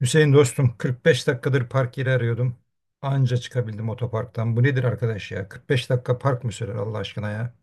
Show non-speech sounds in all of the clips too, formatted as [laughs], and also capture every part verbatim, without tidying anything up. Hüseyin dostum kırk beş dakikadır park yeri arıyordum. Anca çıkabildim otoparktan. Bu nedir arkadaş ya? kırk beş dakika park mı sürer Allah aşkına ya?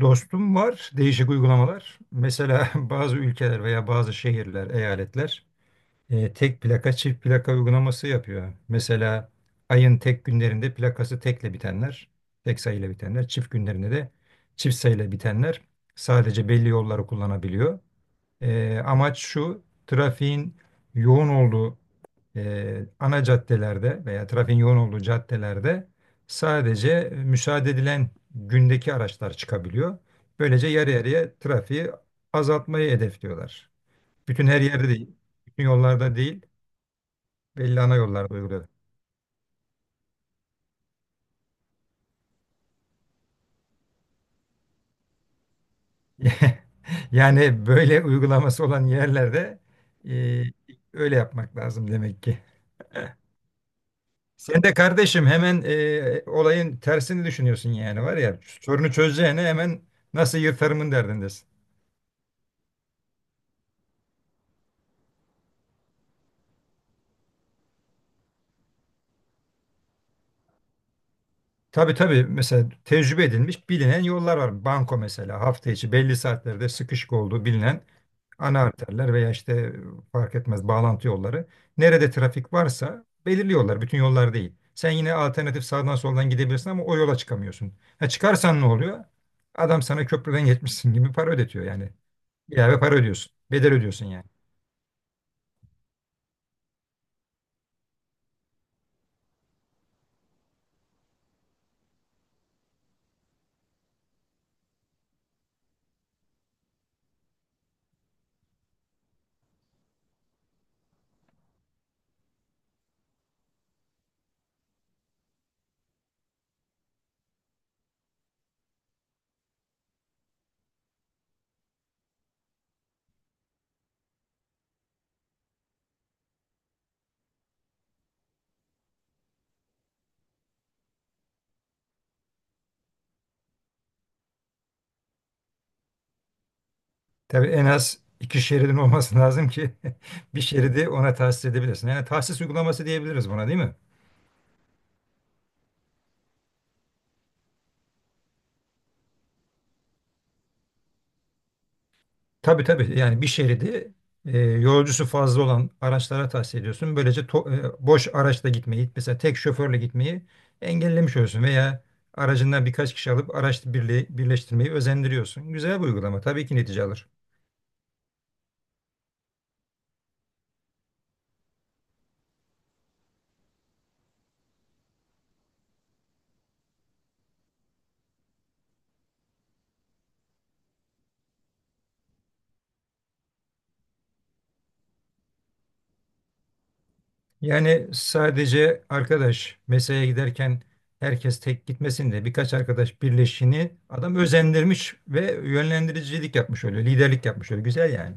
Dostum var değişik uygulamalar. Mesela [laughs] bazı ülkeler veya bazı şehirler, eyaletler e, tek plaka çift plaka uygulaması yapıyor. Mesela ayın tek günlerinde plakası tekle bitenler, tek sayıyla bitenler, çift günlerinde de çift sayıyla bitenler sadece belli yolları kullanabiliyor. E, amaç şu, trafiğin yoğun olduğu e, ana caddelerde veya trafiğin yoğun olduğu caddelerde sadece müsaade edilen gündeki araçlar çıkabiliyor. Böylece yarı yarıya trafiği azaltmayı hedefliyorlar. Bütün her yerde değil, bütün yollarda değil, belli ana yollarda uyguladı. [laughs] Yani böyle uygulaması olan yerlerde e, öyle yapmak lazım demek ki. Sen de kardeşim hemen e, olayın tersini düşünüyorsun yani var ya sorunu çözeceğine hemen nasıl yırtarımın derdindesin. Tabii tabii, mesela tecrübe edilmiş bilinen yollar var. Banko mesela hafta içi belli saatlerde sıkışık olduğu bilinen ana arterler veya işte fark etmez bağlantı yolları. Nerede trafik varsa belirliyorlar. Bütün yollar değil. Sen yine alternatif sağdan soldan gidebilirsin ama o yola çıkamıyorsun. Ha çıkarsan ne oluyor? Adam sana köprüden geçmişsin gibi para ödetiyor yani. İlave para ödüyorsun. Bedel ödüyorsun yani. Tabii en az iki şeridin olması lazım ki [laughs] bir şeridi ona tahsis edebilirsin. Yani tahsis uygulaması diyebiliriz buna, değil mi? Tabii tabii, yani bir şeridi e, yolcusu fazla olan araçlara tahsis ediyorsun. Böylece to- e, boş araçla gitmeyi, mesela tek şoförle gitmeyi engellemiş oluyorsun veya aracından birkaç kişi alıp araç birliği, birleştirmeyi özendiriyorsun. Güzel bir uygulama, tabii ki netice alır. Yani sadece arkadaş mesaiye giderken herkes tek gitmesin de birkaç arkadaş birleşini adam özendirmiş ve yönlendiricilik yapmış oluyor, liderlik yapmış oluyor. Güzel yani.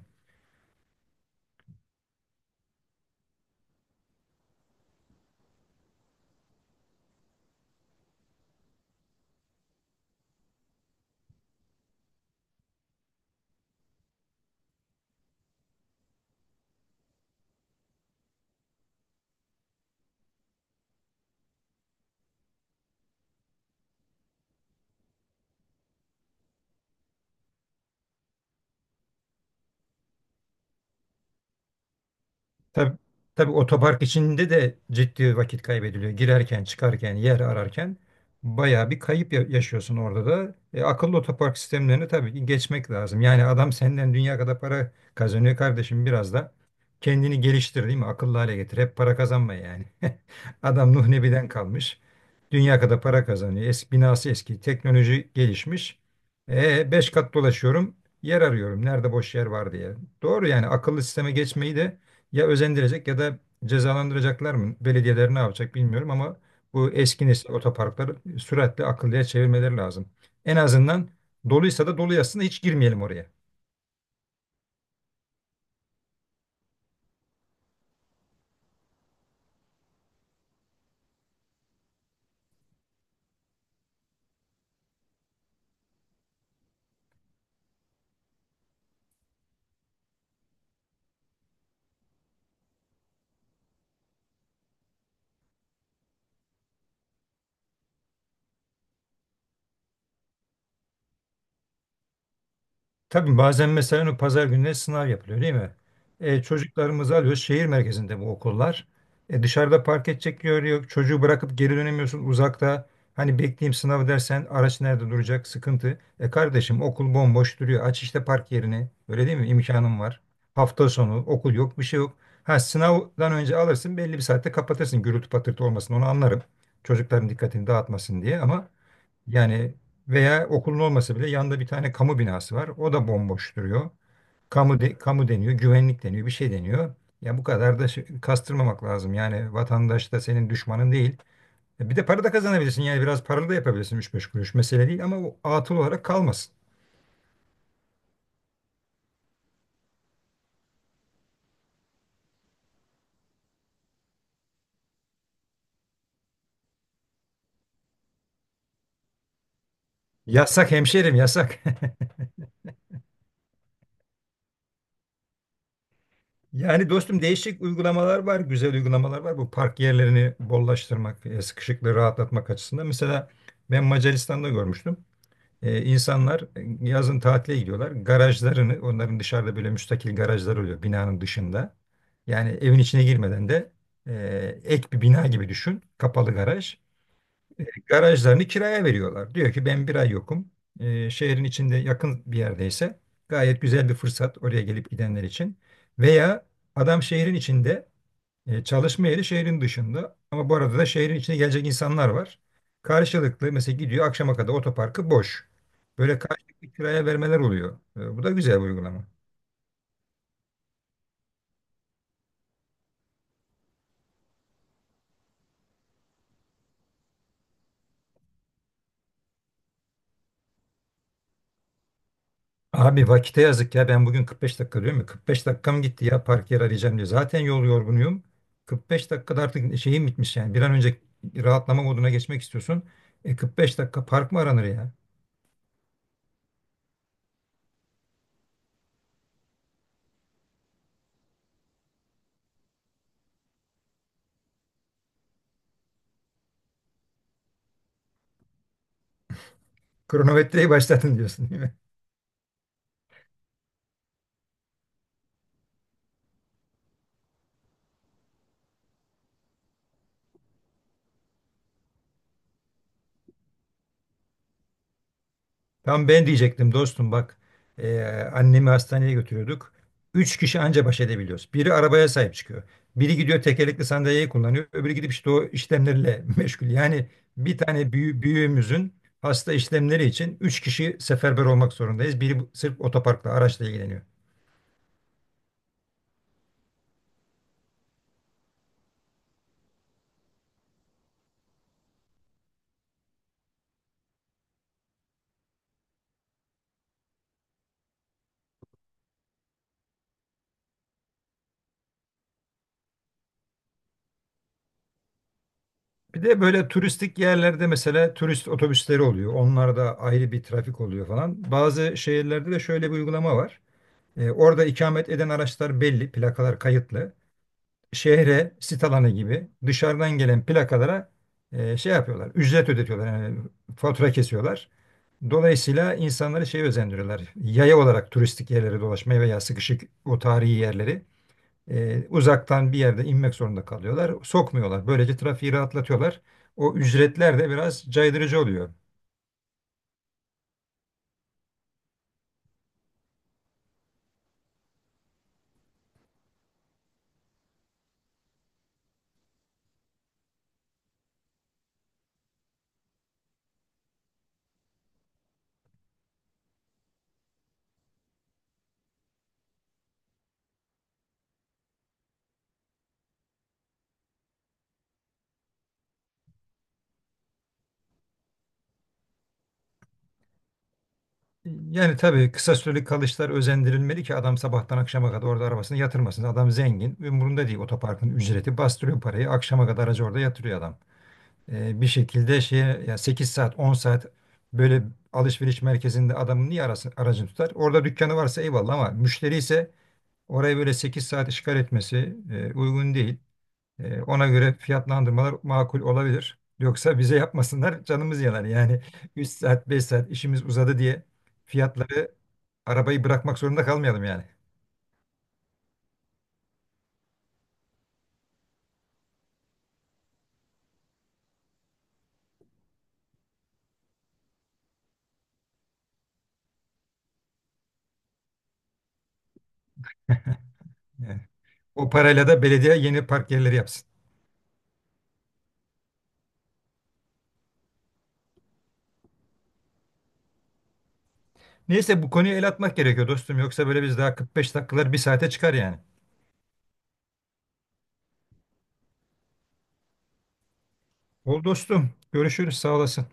Tabii, tabii otopark içinde de ciddi vakit kaybediliyor. Girerken, çıkarken, yer ararken bayağı bir kayıp ya- yaşıyorsun orada da. E, akıllı otopark sistemlerine tabii ki geçmek lazım. Yani adam senden dünya kadar para kazanıyor kardeşim, biraz da kendini geliştir değil mi? Akıllı hale getir. Hep para kazanma yani. [laughs] Adam Nuh Nebi'den kalmış. Dünya kadar para kazanıyor. Eski binası eski, teknoloji gelişmiş. E, beş kat dolaşıyorum, yer arıyorum. Nerede boş yer var diye. Doğru yani akıllı sisteme geçmeyi de ya özendirecek ya da cezalandıracaklar mı? Belediyeler ne yapacak bilmiyorum ama bu eski nesil otoparkları süratle akıllıya çevirmeleri lazım. En azından doluysa da dolu yazsın da hiç girmeyelim oraya. Tabii bazen mesela o pazar gününe sınav yapılıyor değil mi? E, çocuklarımızı alıyoruz. Şehir merkezinde bu okullar. E, dışarıda park edecek yer yok. Çocuğu bırakıp geri dönemiyorsun uzakta. Hani bekleyeyim sınav dersen araç nerede duracak, sıkıntı. E kardeşim, okul bomboş duruyor. Aç işte park yerini. Öyle değil mi? İmkanın var. Hafta sonu okul yok, bir şey yok. Ha, sınavdan önce alırsın, belli bir saatte kapatırsın, gürültü patırtı olmasın, onu anlarım. Çocukların dikkatini dağıtmasın diye, ama yani veya okulun olmasa bile yanında bir tane kamu binası var. O da bomboş duruyor. Kamu de- kamu deniyor, güvenlik deniyor, bir şey deniyor. Ya bu kadar da şey- kastırmamak lazım. Yani vatandaş da senin düşmanın değil. E bir de para da kazanabilirsin. Yani biraz paralı da yapabilirsin, üç beş kuruş. Mesele değil ama o atıl olarak kalmasın. Yasak hemşerim yasak. [laughs] Yani dostum değişik uygulamalar var, güzel uygulamalar var. Bu park yerlerini bollaştırmak, e, sıkışıklığı rahatlatmak açısından. Mesela ben Macaristan'da görmüştüm. Ee, insanlar e, yazın tatile gidiyorlar. Garajlarını, onların dışarıda böyle müstakil garajlar oluyor binanın dışında. Yani evin içine girmeden de e, ek bir bina gibi düşün, kapalı garaj. E, garajlarını kiraya veriyorlar. Diyor ki ben bir ay yokum. E, şehrin içinde yakın bir yerdeyse gayet güzel bir fırsat oraya gelip gidenler için. Veya adam şehrin içinde e, çalışma yeri şehrin dışında, ama bu arada da şehrin içine gelecek insanlar var. Karşılıklı mesela gidiyor, akşama kadar otoparkı boş. Böyle karşılıklı kiraya vermeler oluyor. E, bu da güzel bir uygulama. Abi vakite yazık ya, ben bugün kırk beş dakika diyorum ya, kırk beş dakikam gitti ya park yer arayacağım diye. Zaten yol yorgunuyum. kırk beş dakikada artık şeyim bitmiş yani, bir an önce rahatlama moduna geçmek istiyorsun. E, kırk beş dakika park mı aranır ya? Kronometreyi başlatın diyorsun. [laughs] Tam ben diyecektim dostum bak. Ee, Annemi hastaneye götürüyorduk. Üç kişi anca baş edebiliyoruz. Biri arabaya sahip çıkıyor. Biri gidiyor tekerlekli sandalyeyi kullanıyor. Öbürü gidip işte o işlemlerle [laughs] meşgul. Yani bir tane büyü, büyüğümüzün hasta işlemleri için üç kişi seferber olmak zorundayız. Biri bu- sırf otoparkla, araçla ilgileniyor. Bir de böyle turistik yerlerde mesela turist otobüsleri oluyor. Onlarda ayrı bir trafik oluyor falan. Bazı şehirlerde de şöyle bir uygulama var. Ee, orada ikamet eden araçlar belli, plakalar kayıtlı. Şehre, sit alanı gibi dışarıdan gelen plakalara e, şey yapıyorlar. Ücret ödetiyorlar. Yani fatura kesiyorlar. Dolayısıyla insanları şey özendiriyorlar. Yaya olarak turistik yerlere dolaşmaya veya sıkışık o tarihi yerleri e, uzaktan bir yerde inmek zorunda kalıyorlar. Sokmuyorlar. Böylece trafiği rahatlatıyorlar. O ücretler de biraz caydırıcı oluyor. Yani tabii kısa süreli kalışlar özendirilmeli ki adam sabahtan akşama kadar orada arabasını yatırmasın. Adam zengin, umurunda değil otoparkın ücreti. Bastırıyor parayı, akşama kadar aracı orada yatırıyor adam. E, bir şekilde şeye ya sekiz saat on saat böyle alışveriş merkezinde adamın niye arasın, aracını tutar? Orada dükkanı varsa eyvallah ama müşteri ise oraya böyle sekiz saat işgal etmesi e, uygun değil. E, ona göre fiyatlandırmalar makul olabilir. Yoksa bize yapmasınlar, canımız yanar. Yani üç saat beş saat işimiz uzadı diye fiyatları arabayı bırakmak zorunda kalmayalım yani. Yani o parayla da belediye yeni park yerleri yapsın. Neyse bu konuya el atmak gerekiyor dostum. Yoksa böyle biz daha kırk beş dakikalar bir saate çıkar yani. Ol dostum. Görüşürüz. Sağ olasın.